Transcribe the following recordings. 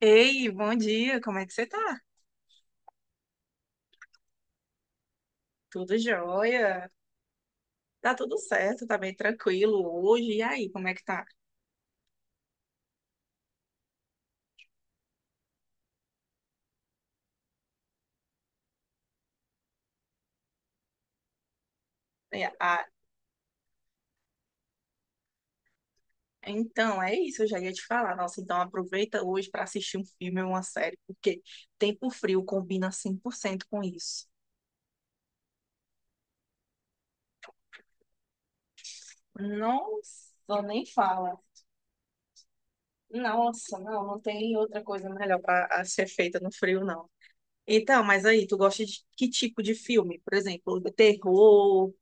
Ei, bom dia, como é que você tá? Tudo jóia? Tá tudo certo, tá bem tranquilo hoje. E aí, como é que tá? É, ah, é isso, eu já ia te falar. Nossa, então aproveita hoje pra assistir um filme ou uma série, porque tempo frio combina 100% com isso. Nossa, nem fala. Nossa, não tem outra coisa melhor para ser feita no frio, não. Então, mas aí, tu gosta de que tipo de filme? Por exemplo, terror.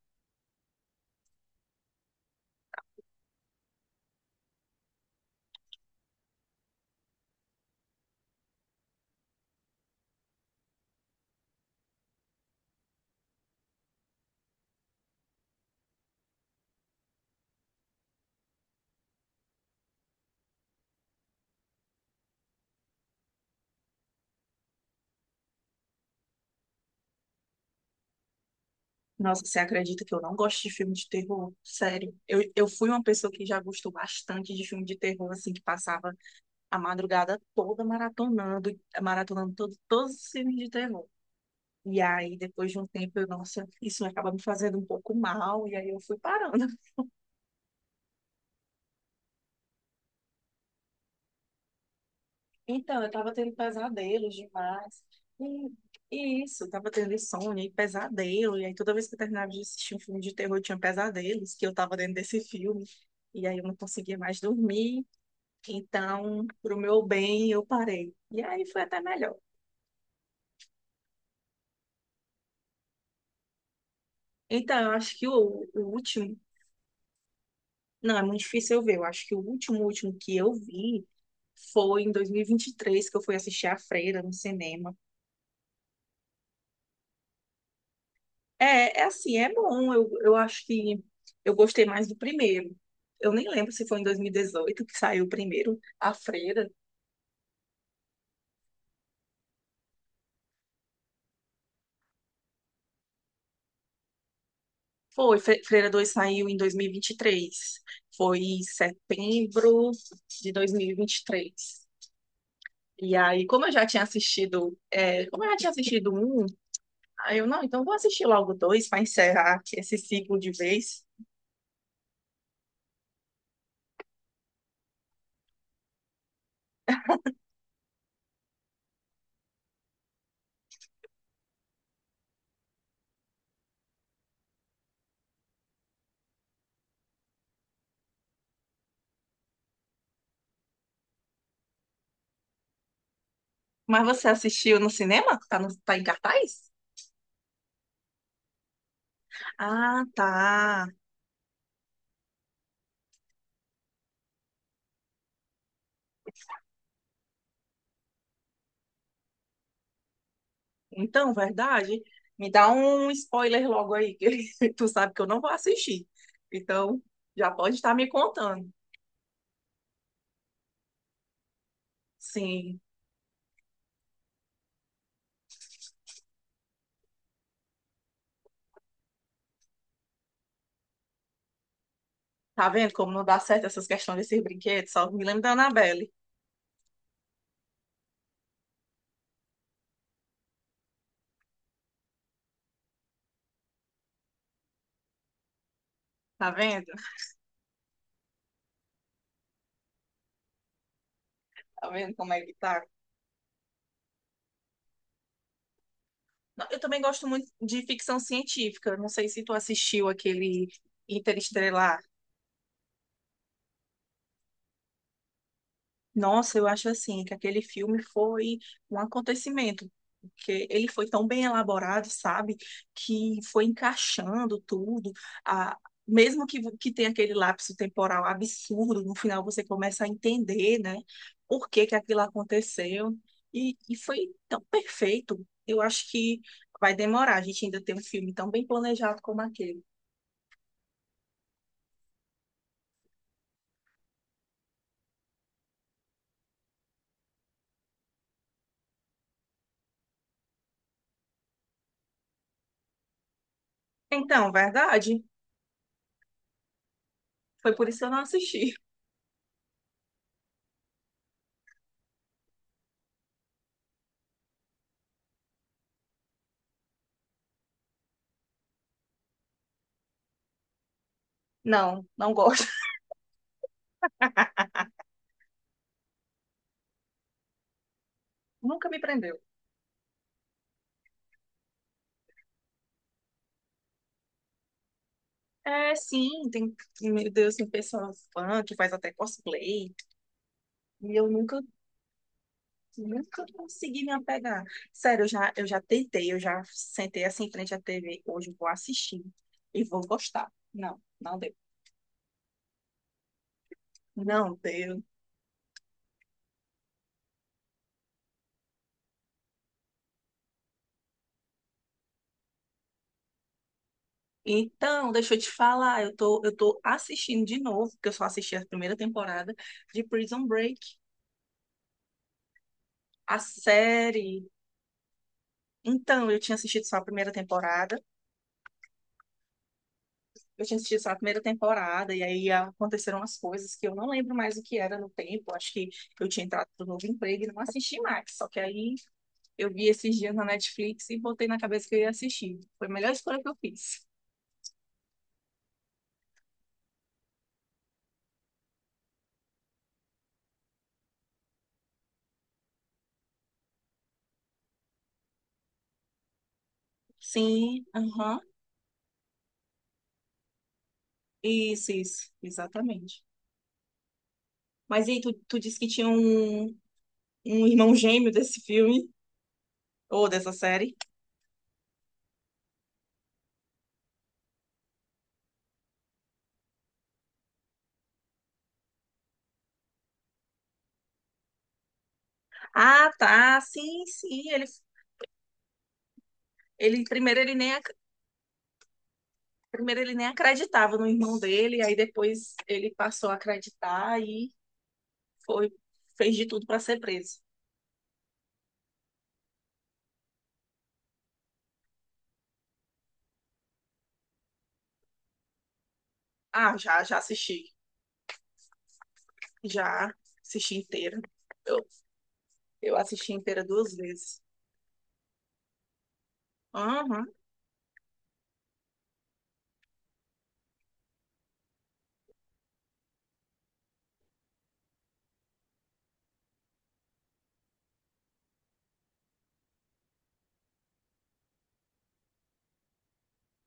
Nossa, você acredita que eu não gosto de filme de terror? Sério. Eu fui uma pessoa que já gostou bastante de filme de terror, assim, que passava a madrugada toda maratonando, maratonando todos os filmes de terror. E aí, depois de um tempo, eu, nossa, isso acaba me fazendo um pouco mal, e aí eu fui parando. Então, eu tava tendo pesadelos demais. E, e isso, eu tava tendo insônia e pesadelo. E aí, toda vez que eu terminava de assistir um filme de terror, eu tinha pesadelos, que eu tava dentro desse filme. E aí eu não conseguia mais dormir. Então, pro meu bem, eu parei. E aí foi até melhor. Então, eu acho que o último. Não, é muito difícil eu ver. Eu acho que o último, último que eu vi foi em 2023, que eu fui assistir A Freira no cinema. É, é assim, é bom. Eu acho que eu gostei mais do primeiro. Eu nem lembro se foi em 2018 que saiu o primeiro, A Freira. Foi, Freira 2 saiu em 2023. Foi em setembro de 2023. E aí, como eu já tinha assistido, é, como eu já tinha assistido um, aí eu, não, então vou assistir logo dois para encerrar aqui esse ciclo de vez. Mas você assistiu no cinema? Tá, no, tá em cartaz? Ah, tá. Então, verdade. Me dá um spoiler logo aí, que tu sabe que eu não vou assistir. Então, já pode estar me contando. Sim. Tá vendo como não dá certo essas questões desses brinquedos? Só me lembra da Annabelle. Tá vendo? Tá vendo como é que tá? Não, eu também gosto muito de ficção científica. Não sei se tu assistiu aquele Interestelar. Nossa, eu acho assim que aquele filme foi um acontecimento, porque ele foi tão bem elaborado, sabe, que foi encaixando tudo. A, mesmo que tenha aquele lapso temporal absurdo, no final você começa a entender, né, por que que aquilo aconteceu. E foi tão perfeito. Eu acho que vai demorar. A gente ainda tem um filme tão bem planejado como aquele. Então, verdade. Foi por isso que eu não assisti. Não, não gosto. Nunca me prendeu. É, sim, tem, meu Deus, tem pessoa fã que faz até cosplay. E eu nunca, nunca consegui me apegar. Sério, eu já tentei, eu já sentei assim em frente à TV. Hoje eu vou assistir e vou gostar. Não, não deu. Não deu. Então, deixa eu te falar, eu tô assistindo de novo, porque eu só assisti a primeira temporada de Prison Break, a série. Então, eu tinha assistido só a primeira temporada. Eu tinha assistido só a primeira temporada, e aí aconteceram umas coisas que eu não lembro mais o que era no tempo. Acho que eu tinha entrado no novo emprego e não assisti mais. Só que aí eu vi esses dias na Netflix e botei na cabeça que eu ia assistir. Foi a melhor escolha que eu fiz. Sim, aham. Isso, exatamente. Mas e aí, tu disse que tinha um irmão gêmeo desse filme, ou dessa série? Ah, tá, sim, sim. Ele primeiro ele nem Primeiro ele nem acreditava no irmão dele, aí depois ele passou a acreditar e foi, fez de tudo para ser preso. Ah, já, já assisti. Já assisti inteira. Eu, eu assisti inteira duas vezes. Aham.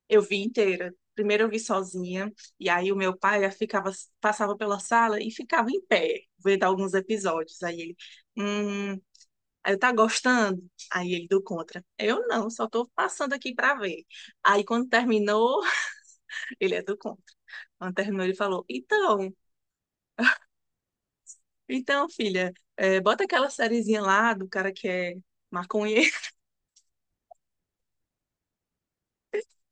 Eu vi inteira. Primeiro eu vi sozinha, e aí o meu pai ficava, passava pela sala e ficava em pé, vendo alguns episódios. Hum, aí eu tá gostando? Aí ele do contra. Eu não, só tô passando aqui para ver. Aí quando terminou, ele é do contra. Quando terminou, ele falou: então, filha, é, bota aquela sériezinha lá do cara que é maconheiro.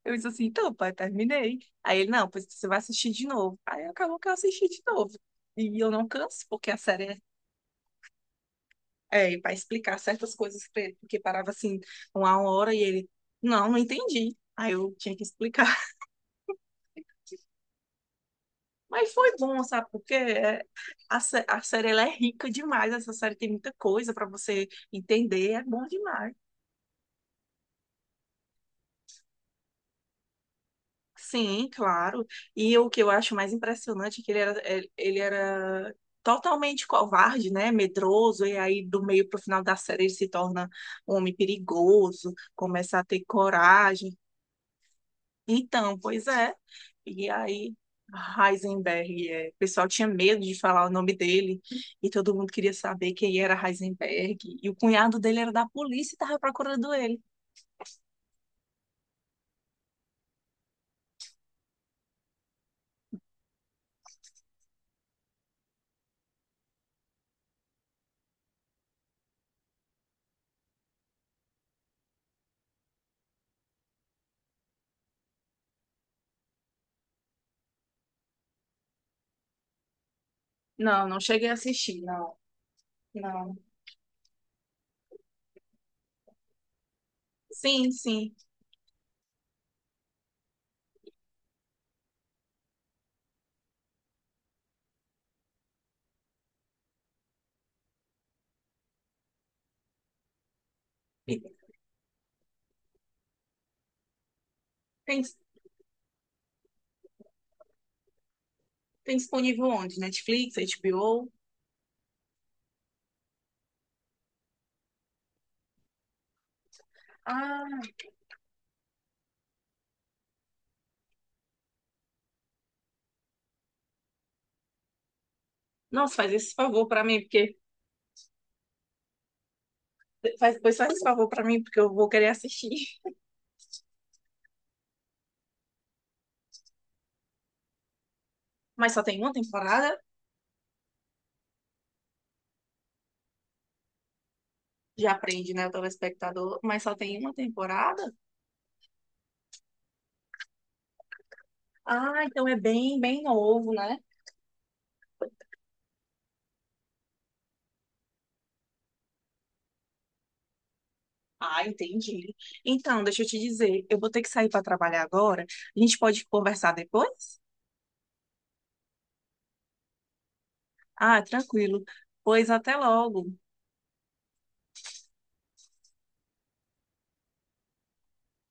Eu disse assim: Então, pai, terminei. Aí ele: Não, pois você vai assistir de novo. Aí acabou que eu assisti de novo. E eu não canso, porque a série é para explicar certas coisas pra ele, porque parava assim, uma hora e ele: Não, não entendi. Aí eu tinha que explicar. Mas foi bom, sabe? Porque é, a série ela é rica demais. Essa série tem muita coisa para você entender. É bom demais. Sim, claro. E o que eu acho mais impressionante é que ele era totalmente covarde, né? Medroso, e aí do meio para o final da série ele se torna um homem perigoso, começa a ter coragem. Então, pois é. E aí, Heisenberg, é, o pessoal tinha medo de falar o nome dele, e todo mundo queria saber quem era Heisenberg. E o cunhado dele era da polícia e estava procurando ele. Não, não cheguei a assistir, não. Não. Sim, sim. E tem, tem disponível onde? Netflix, HBO? Ah, nossa, faz esse favor pra mim, porque. Faz, depois faz esse favor pra mim, porque eu vou querer assistir. Mas só tem uma temporada? Já aprende, né, o telespectador? Mas só tem uma temporada? Ah, então é bem, bem novo, né? Ah, entendi. Então, deixa eu te dizer, eu vou ter que sair para trabalhar agora. A gente pode conversar depois? Ah, tranquilo. Pois até logo.